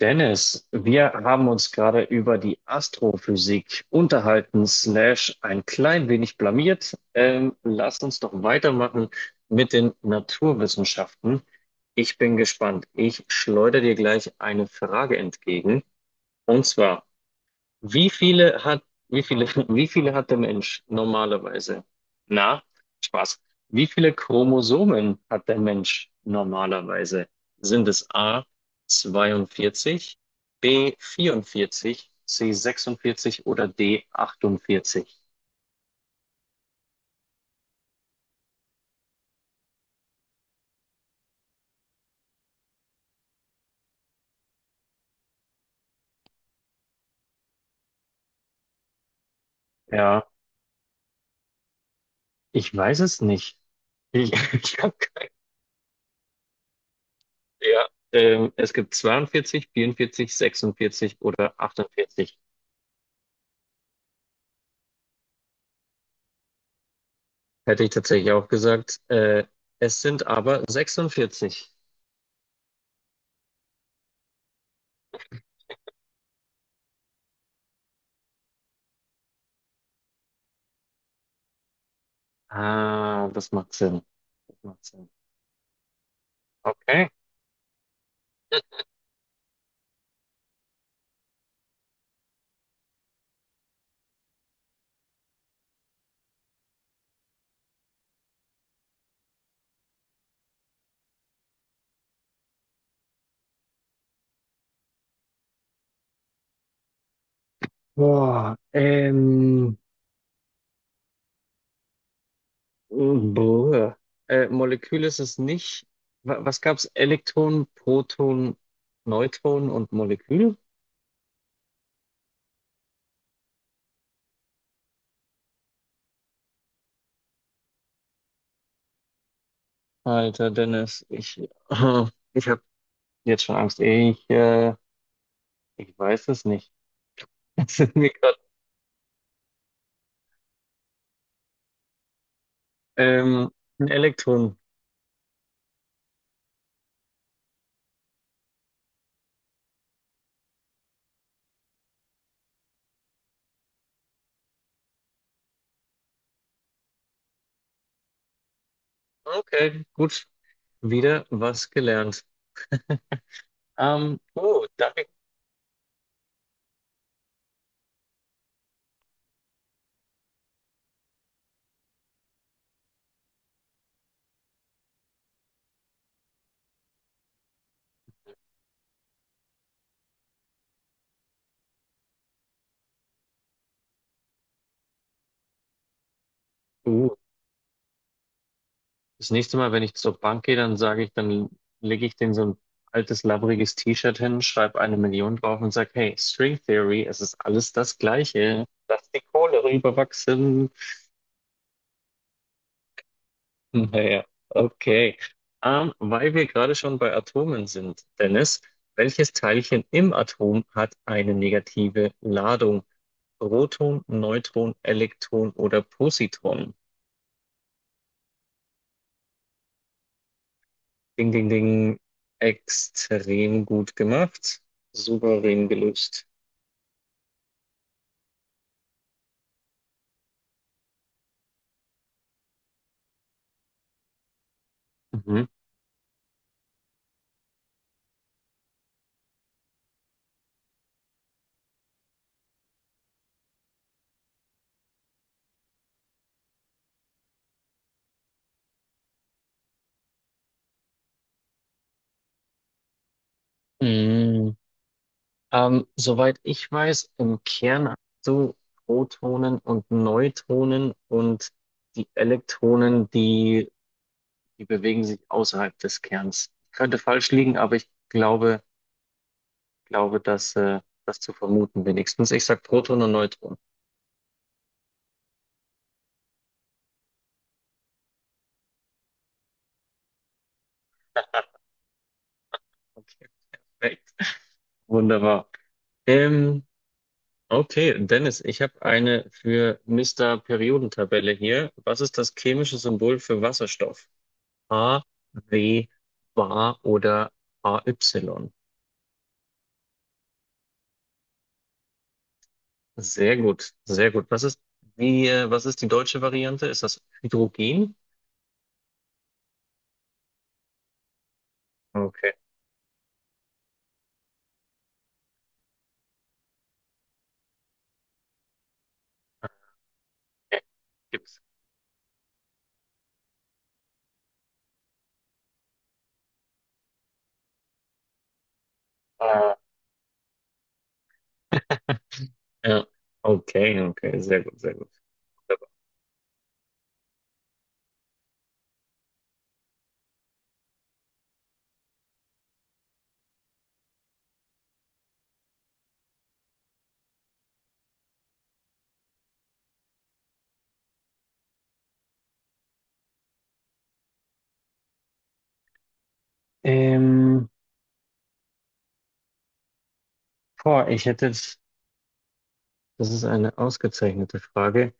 Dennis, wir haben uns gerade über die Astrophysik unterhalten, slash ein klein wenig blamiert. Lass uns doch weitermachen mit den Naturwissenschaften. Ich bin gespannt. Ich schleudere dir gleich eine Frage entgegen. Und zwar, wie viele hat, wie viele, wie viele hat der Mensch normalerweise? Na, Spaß. Wie viele Chromosomen hat der Mensch normalerweise? Sind es A 42, B 44, C 46 oder D 48? Ja, ich weiß es nicht. Ich hab, keine- ja, es gibt 42, 44, 46 oder 48. Hätte ich tatsächlich auch gesagt. Es sind aber 46. Ah, das macht Sinn. Das macht Sinn. Okay. Boah, boah. Molekül ist es nicht. Was gab's? Elektron, Proton, Neutron und Molekül? Alter, Dennis, ich habe jetzt schon Angst. Ich weiß es nicht. Es ist mir grad, ähm, ein Elektron. Okay, gut. Wieder was gelernt. Oh, danke. Uh, das nächste Mal, wenn ich zur Bank gehe, dann lege ich denen so ein altes, labbriges T-Shirt hin, schreibe eine Million drauf und sage, hey, String Theory, es ist alles das Gleiche. Lass die Kohle rüberwachsen. Naja, okay. Weil wir gerade schon bei Atomen sind, Dennis, welches Teilchen im Atom hat eine negative Ladung? Proton, Neutron, Elektron oder Positron? Ding, ding, ding. Extrem gut gemacht. Souverän gelöst. Mhm. Mm. Soweit ich weiß, im Kern hast du Protonen und Neutronen und die Elektronen, die bewegen sich außerhalb des Kerns. Ich könnte falsch liegen, aber ich glaube, dass das zu vermuten wenigstens. Ich sag Proton und Neutron. Okay, perfekt. Wunderbar. Ähm, Okay, Dennis, ich habe eine für Mister Periodentabelle hier. Was ist das chemische Symbol für Wasserstoff? A, W, Bar oder AY? Sehr gut, sehr gut. Was ist die deutsche Variante? Ist das Hydrogen? Okay. Ja, Gibt's. Ah, ja. Okay, okay, sehr gut, sehr gut. Wunderbar. Ähm, ich hätte jetzt, das ist eine ausgezeichnete Frage.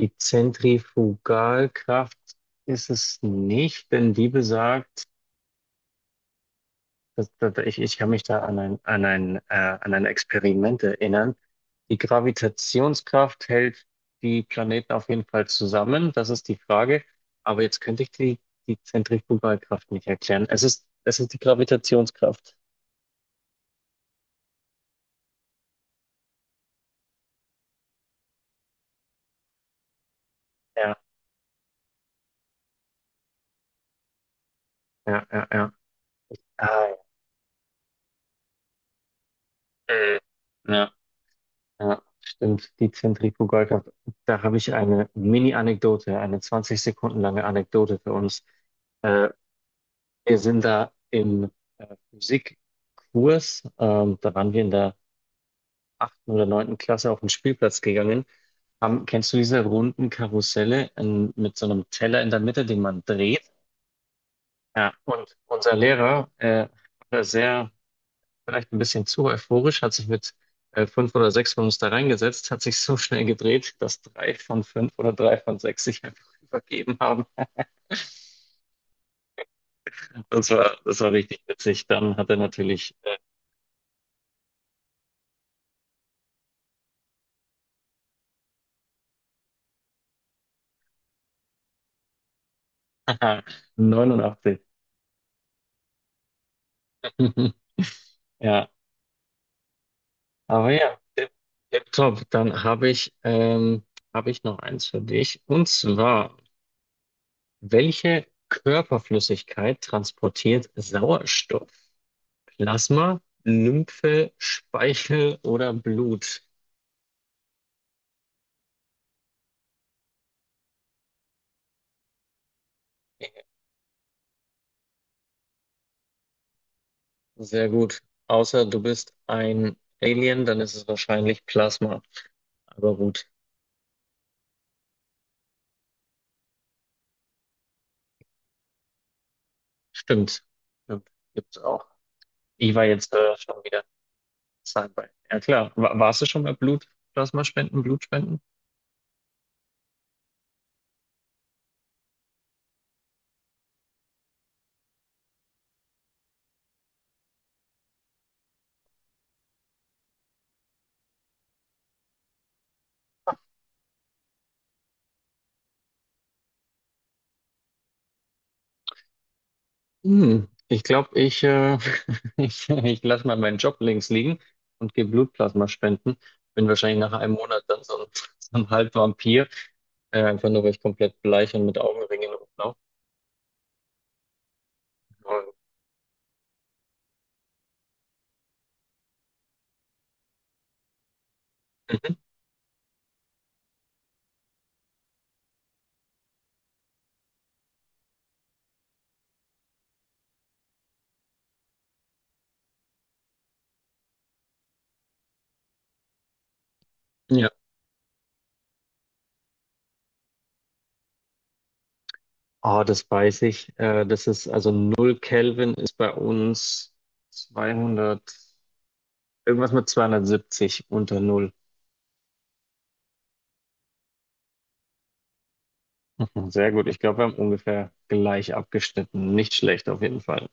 Die Zentrifugalkraft ist es nicht, denn die besagt, ich kann mich da an an ein Experiment erinnern. Die Gravitationskraft hält die Planeten auf jeden Fall zusammen, das ist die Frage. Aber jetzt könnte ich die Zentrifugalkraft nicht erklären. Es ist die Gravitationskraft. Ja, ja, ja, ja. Ah, äh, ja. Ja, stimmt. Die Zentrifugalkraft. Da habe ich eine Mini-Anekdote, eine 20 Sekunden lange Anekdote für uns. Äh, wir sind da im Physikkurs, da waren wir in der achten oder neunten Klasse auf den Spielplatz gegangen. Haben, kennst du diese runden Karusselle in, mit so einem Teller in der Mitte, den man dreht? Ja, und unser Lehrer hat da sehr vielleicht ein bisschen zu euphorisch, hat sich mit fünf oder sechs von uns da reingesetzt, hat sich so schnell gedreht, dass drei von fünf oder drei von sechs sich einfach übergeben haben. Das war richtig witzig. Dann hat er natürlich äh, 89. Ja, aber ja, tip top. Dann habe ich noch eins für dich. Und zwar, welche Körperflüssigkeit transportiert Sauerstoff? Plasma, Lymphe, Speichel oder Blut? Sehr gut. Außer du bist ein Alien, dann ist es wahrscheinlich Plasma. Aber gut, stimmt. Stimmt. Gibt's auch. Ich war jetzt schon wieder Sci-Fi. Ja klar. Warst du schon mal Blutplasma spenden, Blutspenden? Hm. Ich glaube, ich lasse mal meinen Job links liegen und gehe Blutplasma spenden. Bin wahrscheinlich nach einem Monat dann so ein, so ein Halbvampir. Einfach nur, weil ich komplett bleich und mit Augenringen rumlaufe. Ja. Ah, das weiß ich. Das ist also null Kelvin ist bei uns 200, irgendwas mit 270 unter null. Mhm. Sehr gut. Ich glaube, wir haben ungefähr gleich abgeschnitten. Nicht schlecht auf jeden Fall.